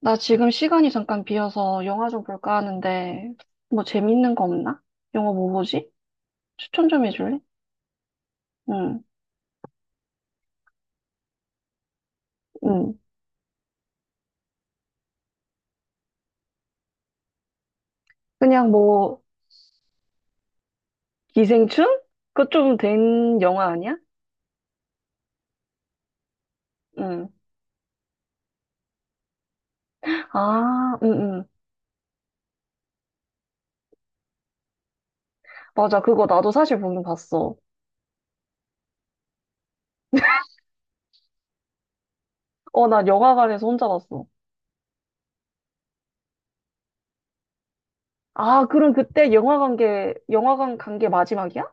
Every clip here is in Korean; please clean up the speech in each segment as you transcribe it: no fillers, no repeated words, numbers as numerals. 나 지금 시간이 잠깐 비어서 영화 좀 볼까 하는데, 뭐 재밌는 거 없나? 영화 뭐 보지? 추천 좀 해줄래? 응, 응. 그냥 뭐, 기생충? 그거 좀 된 영화 아니야? 응. 응, 응. 맞아. 그거 나도 사실 보긴 봤어. 어, 나 영화관에서 혼자 봤어. 아, 그럼 그때 영화관 간 게 마지막이야?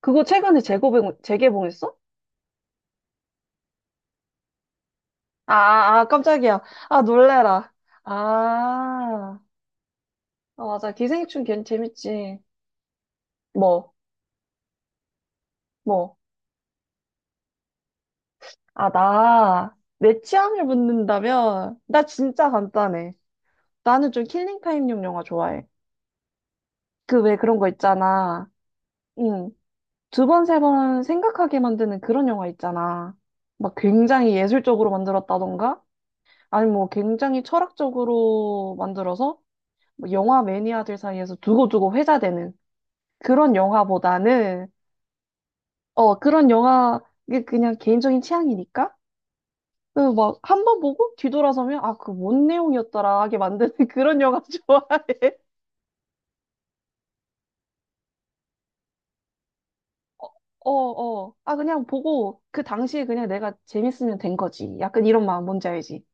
그거 최근에 재개봉했어? 깜짝이야. 아, 놀래라. 아. 아, 맞아. 기생충 괜 재밌지. 뭐, 뭐. 아, 내 취향을 묻는다면, 나 진짜 간단해. 나는 좀 킬링타임용 영화 좋아해. 그 왜 그런 거 있잖아. 응. 두 번, 세 번 생각하게 만드는 그런 영화 있잖아. 막 굉장히 예술적으로 만들었다던가? 아니, 뭐 굉장히 철학적으로 만들어서, 뭐 영화 매니아들 사이에서 두고두고 회자되는 그런 영화보다는, 어, 그런 영화, 이게 그냥 개인적인 취향이니까? 그 막 한 번 보고 뒤돌아서면 아, 그 뭔 내용이었더라 하게 만드는 그런 영화 좋아해. 어, 어. 아, 그냥 보고 그 당시에 그냥 내가 재밌으면 된 거지. 약간 이런 마음 뭔지 알지?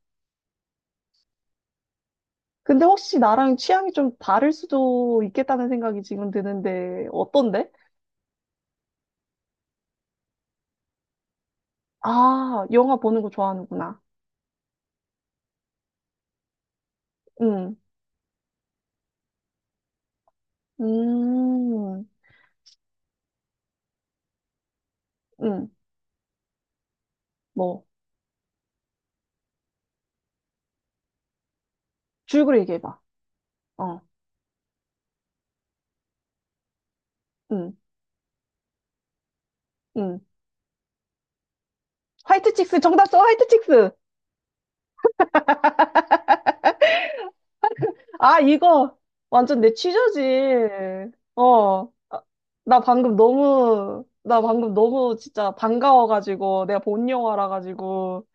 근데 혹시 나랑 취향이 좀 다를 수도 있겠다는 생각이 지금 드는데 어떤데? 아, 영화 보는 거 좋아하는구나. 응. 음. 응. 뭐. 줄거리 얘기해봐. 어. 응. 응. 화이트 칙스 정답 써. 화이트 칙스. 아, 이거 완전 내 취저지. 어. 아, 나 방금 너무 진짜 반가워가지고, 내가 본 영화라가지고.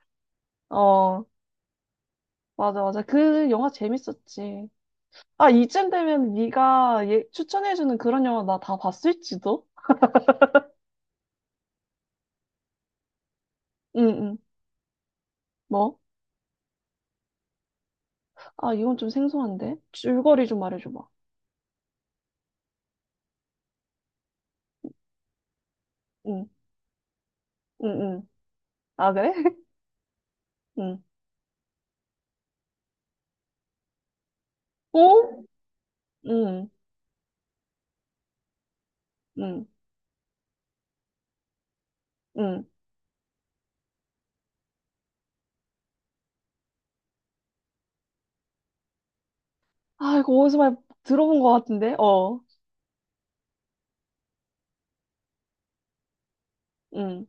어, 맞아, 맞아. 그 영화 재밌었지. 아, 이쯤 되면 네가 예, 추천해주는 그런 영화 나 다 봤을지도? 응, 응. 뭐? 아, 이건 좀 생소한데? 줄거리 좀 말해줘봐. 응, 응, 응. 아, 그래? 응. 어? 응, 응, 응. 아, 이거 어디서 많이 들어본 것 같은데? 어. 응.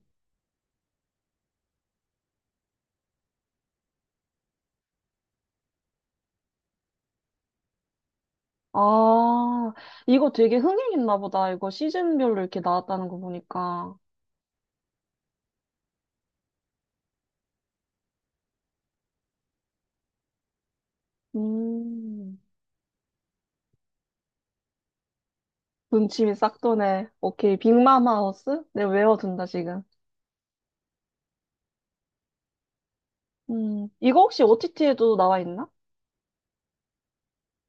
아, 이거 되게 흥행했나 보다. 이거 시즌별로 이렇게 나왔다는 거 보니까. 음, 군침이 싹 도네. 오케이, 빅맘 하우스? 내가 외워둔다, 지금. 이거 혹시 OTT에도 나와 있나?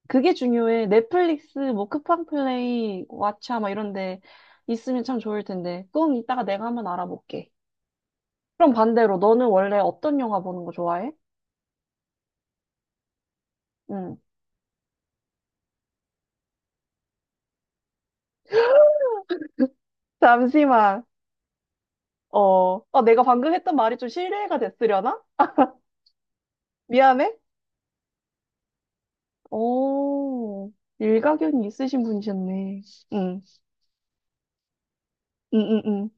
그게 중요해. 넷플릭스, 뭐, 쿠팡플레이, 왓챠, 막 이런 데 있으면 참 좋을 텐데. 그건 이따가 내가 한번 알아볼게. 그럼 반대로, 너는 원래 어떤 영화 보는 거 좋아해? 음. 잠시만. 어, 어, 내가 방금 했던 말이 좀 실례가 됐으려나? 미안해. 오, 일가견이 있으신 분이셨네. 응, 응, 응, 응.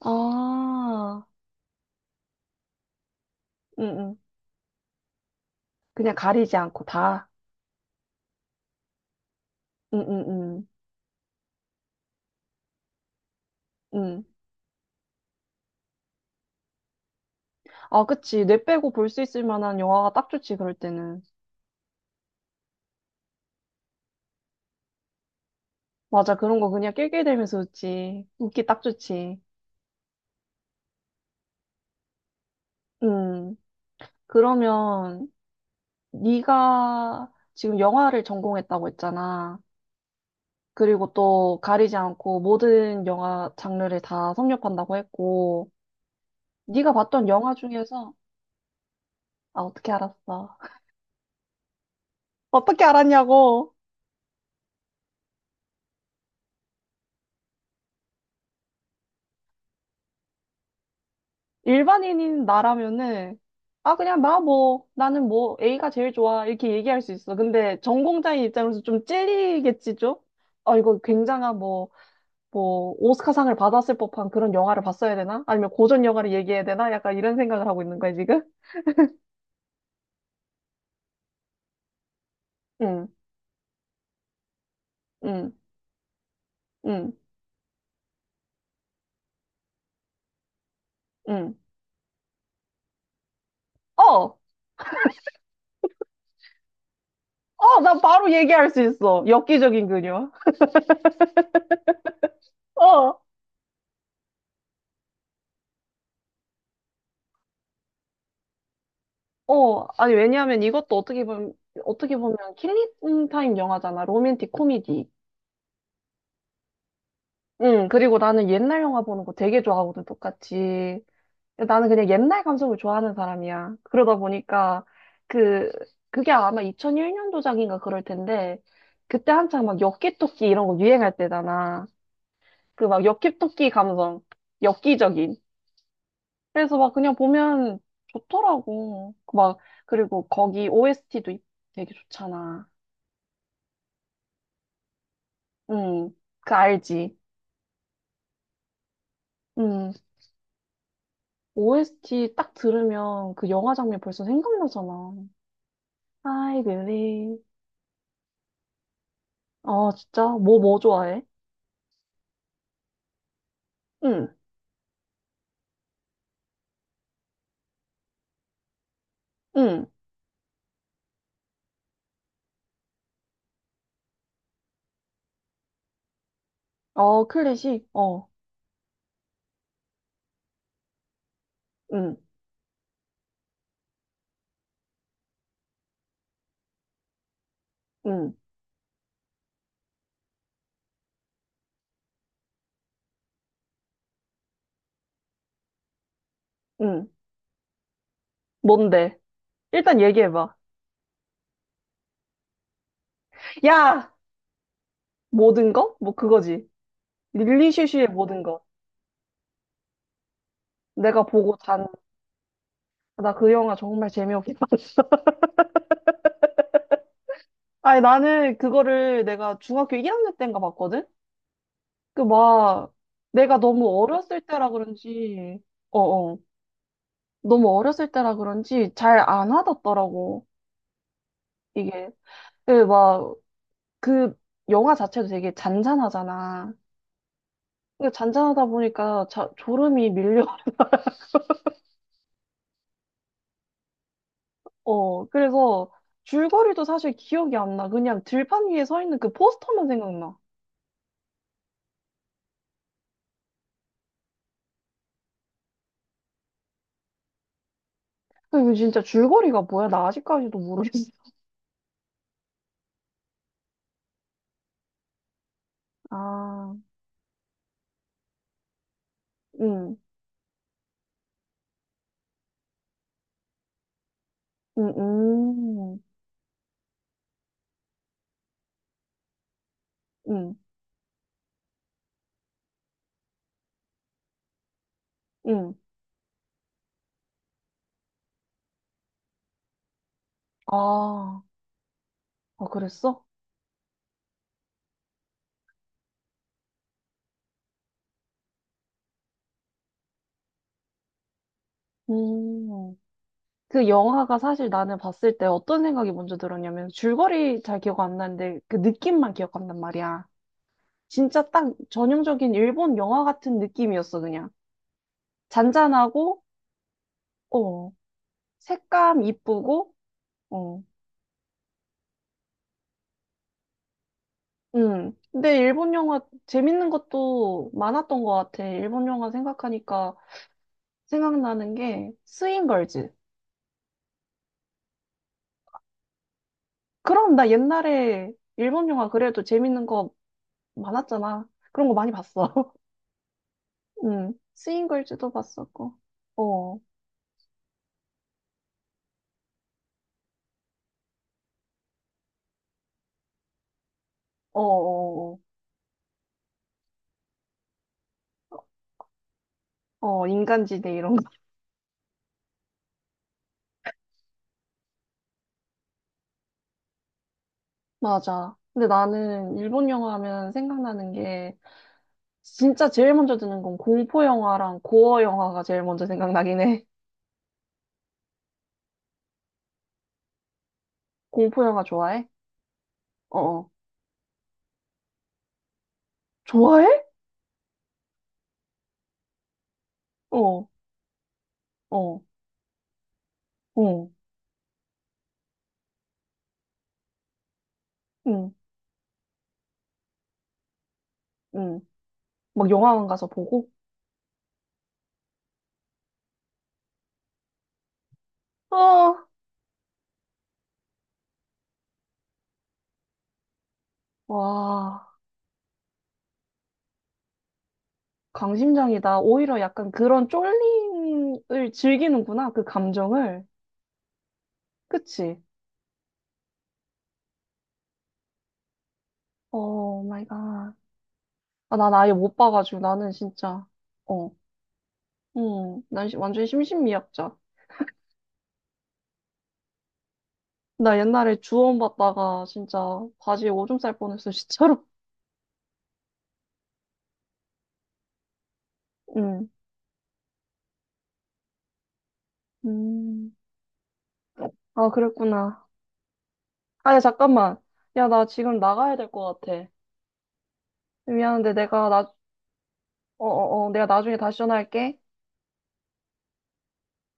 아, 응, 응. 그냥 가리지 않고 다. 응, 응, 응, 응. 아, 그치. 뇌 빼고 볼 수 있을 만한 영화가 딱 좋지, 그럴 때는. 맞아, 그런 거 그냥 낄낄대면서 웃지. 웃기 딱 좋지. 응. 그러면, 네가 지금 영화를 전공했다고 했잖아. 그리고 또 가리지 않고 모든 영화 장르를 다 섭렵한다고 했고, 네가 봤던 영화 중에서 아, 어떻게 알았어? 어떻게 알았냐고. 일반인인 나라면은, 아, 나는 뭐, A가 제일 좋아. 이렇게 얘기할 수 있어. 근데 전공자인 입장에서 좀 찔리겠지, 좀? 아, 이거 굉장한 뭐, 오스카상을 받았을 법한 그런 영화를 봤어야 되나? 아니면 고전 영화를 얘기해야 되나? 약간 이런 생각을 하고 있는 거야, 지금? 응, 응, 응, 응. 어! 어! 나 바로 얘기할 수 있어. 엽기적인 그녀. 어! 어, 아니, 왜냐하면 어떻게 보면 킬링 타임 영화잖아. 로맨틱 코미디. 응, 그리고 나는 옛날 영화 보는 거 되게 좋아하거든, 똑같이. 나는 그냥 옛날 감성을 좋아하는 사람이야. 그러다 보니까, 그, 그게 아마 2001년도작인가 그럴 텐데, 그때 한창 막 엽기토끼 이런 거 유행할 때잖아. 그 막 엽기토끼 감성. 엽기적인. 그래서 막 그냥 보면 좋더라고. 막, 그리고 거기 OST도 되게 좋잖아. 응, 그 알지. 응, OST 딱 들으면 그 영화 장면 벌써 생각나잖아. I believe. 아, 진짜? 뭐 좋아해? 응, 응. 어, 클래식? 어, 응, 응, 응. 뭔데? 일단 얘기해봐. 야! 모든 거? 뭐 그거지. 릴리슈슈의 모든 거. 내가 보고 잔, 나 그 영화 정말 재미없게 봤어. 아니, 나는 그거를 내가 중학교 1학년 때인가 봤거든? 그 막, 내가 너무 어렸을 때라 그런지, 어어, 너무 어렸을 때라 그런지 잘 안 와닿더라고, 이게. 그 막, 그 영화 자체도 되게 잔잔하잖아. 그 잔잔하다 보니까 자, 졸음이 밀려. 어, 그래서 줄거리도 사실 기억이 안 나. 그냥 들판 위에 서 있는 그 포스터만 생각나. 그 이거 진짜 줄거리가 뭐야? 나 아직까지도 모르겠어. 아, 응, 응, 응, 응, 응. 아, 어, 그랬어? 음. 그 영화가 사실 나는 봤을 때 어떤 생각이 먼저 들었냐면 줄거리 잘 기억 안 나는데 그 느낌만 기억한단 말이야. 진짜 딱 전형적인 일본 영화 같은 느낌이었어, 그냥. 잔잔하고, 어, 색감 이쁘고, 어, 근데 일본 영화 재밌는 것도 많았던 것 같아. 일본 영화 생각하니까 생각나는 게 스윙걸즈. 그럼 나 옛날에 일본 영화 그래도 재밌는 거 많았잖아. 그런 거 많이 봤어. 응, 스윙걸즈도 봤었고. 어, 어, 어, 어, 어, 인간지대 이런 거. 맞아. 근데 나는 일본 영화 하면 생각나는 게 진짜 제일 먼저 드는 건 공포 영화랑 고어 영화가 제일 먼저 생각나긴 해. 공포 영화 좋아해? 어, 어. 좋아해? 어, 어, 어, 응, 응. 막 영화관 가서 보고? 어, 와, 강심장이다. 오히려 약간 그런 쫄림을 즐기는구나, 그 감정을. 그치? 오 마이 갓. 아, 난 아예 못 봐가지고 나는 진짜 어, 난 시- 완전 심신미약자. 나 옛날에 주원 봤다가 진짜 바지에 오줌 쌀 뻔했어, 진짜로. 음, 음, 아 그랬구나. 아야 잠깐만, 야 나 지금 나가야 될 것 같아. 미안한데 내가 나, 어, 어, 어, 내가 나중에 다시 전화할게.